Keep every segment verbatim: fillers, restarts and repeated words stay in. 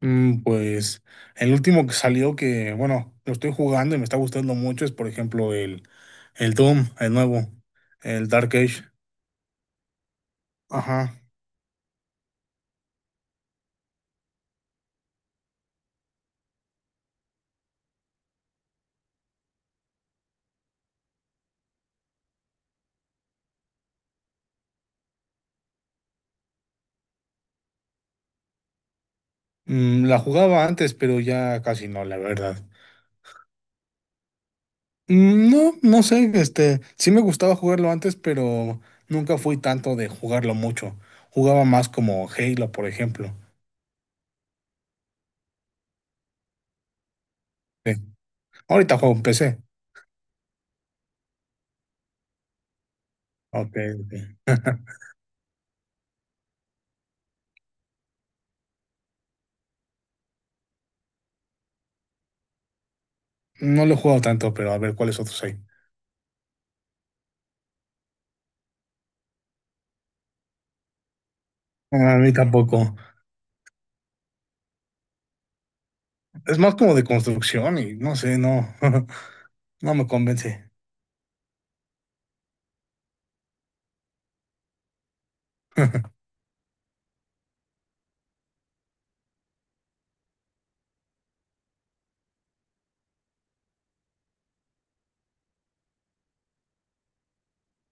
Mm, Pues el último que salió que, bueno, lo estoy jugando y me está gustando mucho es, por ejemplo, el, el Doom, el nuevo, el Dark Age. Ajá. Mm, la jugaba antes, pero ya casi no, la verdad. Mm, no, no sé, este, sí me gustaba jugarlo antes, pero nunca fui tanto de jugarlo mucho. Jugaba más como Halo, por ejemplo. Sí. Ahorita juego en P C. Ok, ok. No lo he jugado tanto, pero a ver cuáles otros hay. Ah, a mí tampoco. Es más como de construcción y no sé, no, no me convence.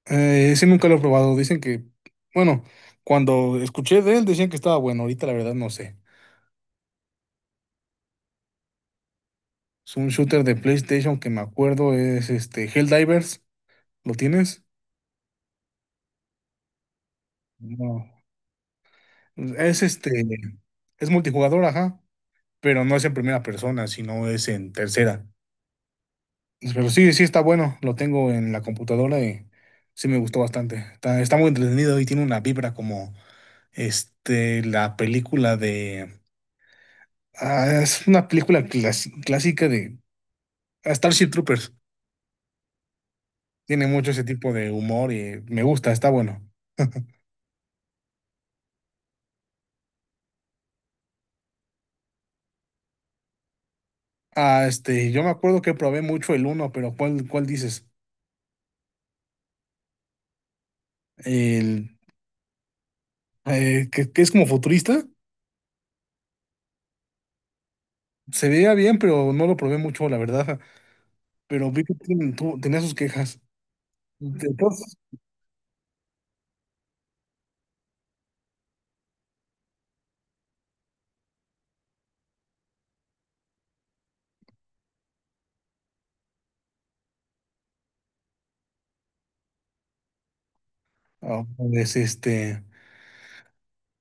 Eh, sí, nunca lo he probado. Dicen que, bueno, cuando escuché de él decían que estaba bueno. Ahorita la verdad no sé. Es un shooter de PlayStation que me acuerdo es este Helldivers. ¿Lo tienes? No. Es este, es multijugador, ajá, pero no es en primera persona, sino es en tercera. Pero sí, sí está bueno. Lo tengo en la computadora y sí me gustó bastante. Está, está muy entretenido y tiene una vibra como este, la película de ah, es una película clas- clásica de ah, Starship Troopers. Tiene mucho ese tipo de humor y me gusta, está bueno. Ah, este, yo me acuerdo que probé mucho el uno, pero ¿cuál, cuál dices? El eh, que, que es como futurista. Se veía bien, pero no lo probé mucho, la verdad. Pero vi que tiene- tu- tenía sus quejas. Ah, pues este,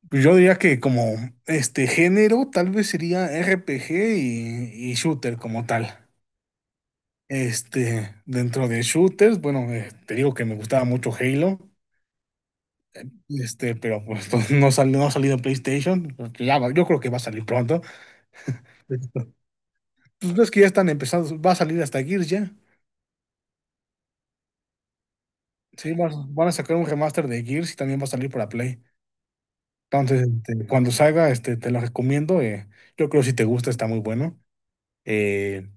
pues yo diría que como este género tal vez sería R P G y, y shooter como tal. Este, dentro de shooters, bueno, eh, te digo que me gustaba mucho Halo, este, pero pues, pues, no salió, no ha salido en PlayStation, porque ya va- yo creo que va a salir pronto. Pues ves que ya están empezando, va a salir hasta Gears ya. Sí, va- van a sacar un remaster de Gears y también va a salir para Play. Entonces, este, cuando salga, este, te lo recomiendo. Eh, yo creo que si te gusta está muy bueno. Eh,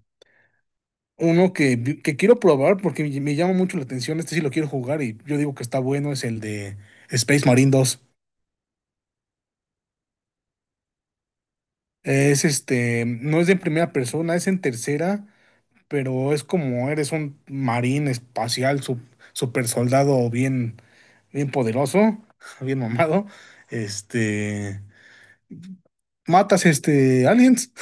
Uno que, vi- que quiero probar porque me, me llama mucho la atención, este sí lo quiero jugar y yo digo que está bueno, es el de Space Marine dos. Es este, no es de primera persona, es en tercera, pero es como eres un marín espacial, sup- super soldado bien, bien poderoso, bien mamado. Este, matas este aliens,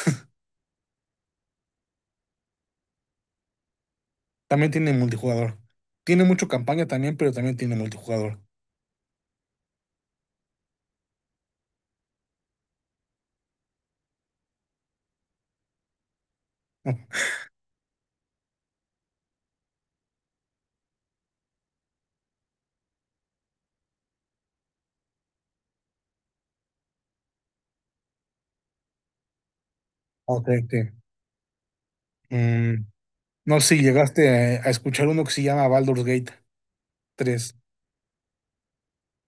también tiene multijugador. Tiene mucho campaña también, pero también tiene multijugador. Oh, ok, ok. No sé si llegaste a, a escuchar uno que se llama Baldur's Gate tres.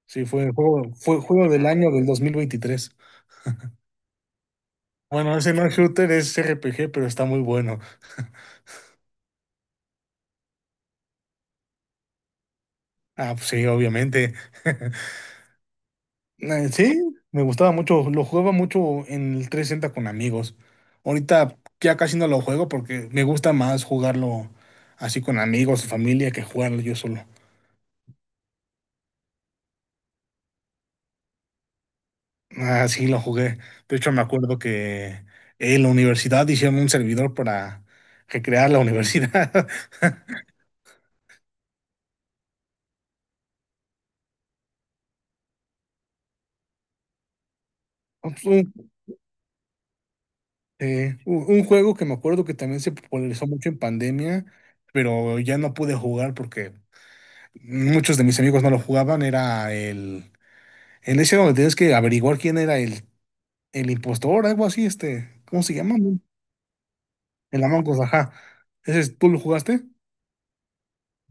Sí, fue el juego, fue juego del año del dos mil veintitrés. Bueno, ese no es shooter, es R P G, pero está muy bueno. Ah, pues sí, obviamente. Eh, Sí, me gustaba mucho, lo jugaba mucho en el trescientos sesenta con amigos. Ahorita ya casi no lo juego porque me gusta más jugarlo así con amigos, familia, que jugarlo yo solo. Ah, sí, lo jugué. De hecho, me acuerdo que en la universidad hicieron un servidor para recrear la universidad. Un, eh, un- un juego que me acuerdo que también se popularizó mucho en pandemia, pero ya no pude jugar porque muchos de mis amigos no lo jugaban. Era el, el ese donde tienes que averiguar quién era el, el impostor, algo así, este, ¿cómo se llama? ¿No? El Among Us, ajá. Ese, es- ¿tú lo jugaste?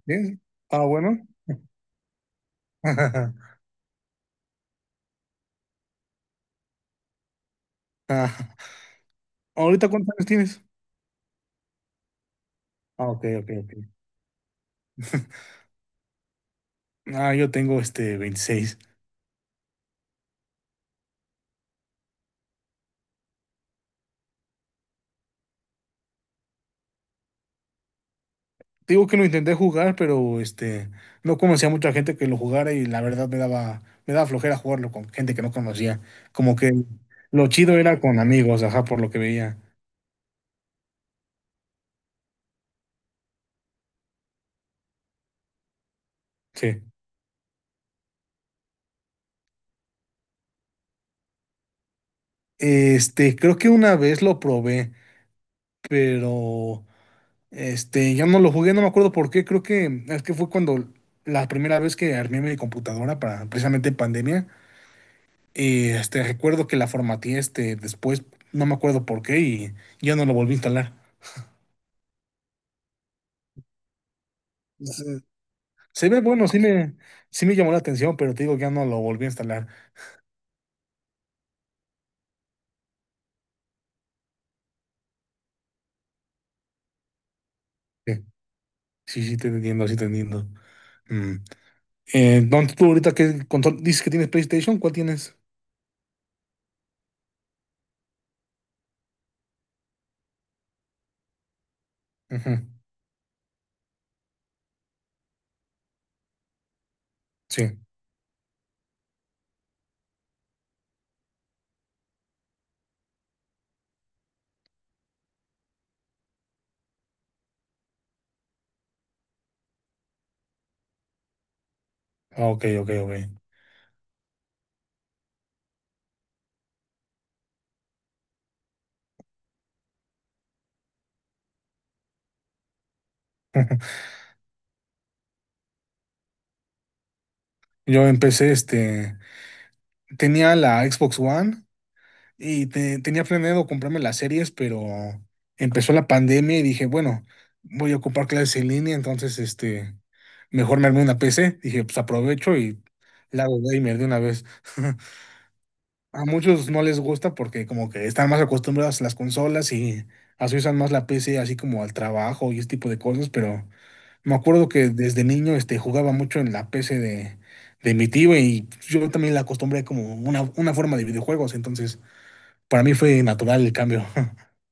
¿Bien? Ah, ¿bueno? Ah, ¿ahorita cuántos años tienes? Ah, ok, ok, ok. Ah, yo tengo este veintiséis. Digo que lo intenté jugar, pero este no conocía mucha gente que lo jugara y la verdad me daba, me daba flojera jugarlo con gente que no conocía. Como que lo chido era con amigos, ajá, por lo que veía. Sí. Este, creo que una vez lo probé, pero este, ya no lo jugué, no me acuerdo por qué. Creo que es que fue cuando la primera vez que armé mi computadora para precisamente en pandemia. Y este, recuerdo que la formateé este, después, no me acuerdo por qué, y ya no lo volví a instalar. Se, se ve bueno, sí me, sí me llamó la atención, pero te digo que ya no lo volví a instalar. Sí, sí, sí, te entiendo, sí, te entiendo. Mm. Eh, don, tú ahorita qué control dices que tienes PlayStation, ¿cuál tienes? Ujú, sí. Ah, ok, ok, ok. Yo empecé, este, tenía la Xbox One. Y te- tenía planeado comprarme las series, pero empezó la pandemia y dije, bueno, voy a ocupar clases en línea, entonces este, mejor me armé una P C. Dije, pues aprovecho y la hago gamer de una vez. A muchos no les gusta porque como que están más acostumbrados a las consolas y así usan más la P C así como al trabajo y ese tipo de cosas, pero me acuerdo que desde niño este, jugaba mucho en la P C de, de mi tío y yo también la acostumbré como una, una forma de videojuegos, entonces para mí fue natural el cambio.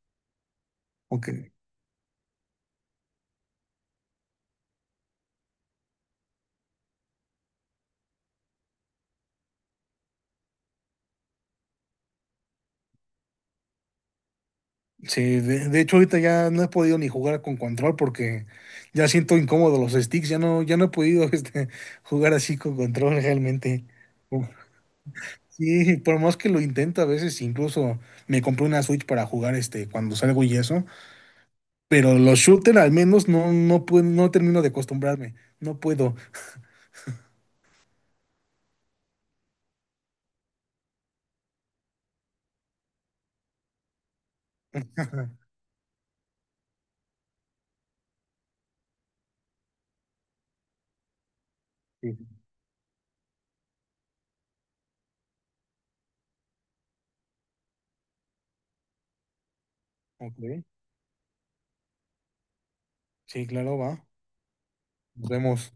Okay. Sí, de, de hecho ahorita ya no he podido ni jugar con control porque ya siento incómodo los sticks, ya no, ya no he podido este, jugar así con control realmente. Uf, sí, por más que lo intento a veces, incluso me compré una Switch para jugar este cuando salgo y eso, pero los shooters al menos no, no puedo, no termino de acostumbrarme, no puedo. Sí, ok. Sí, claro, va. Nos vemos.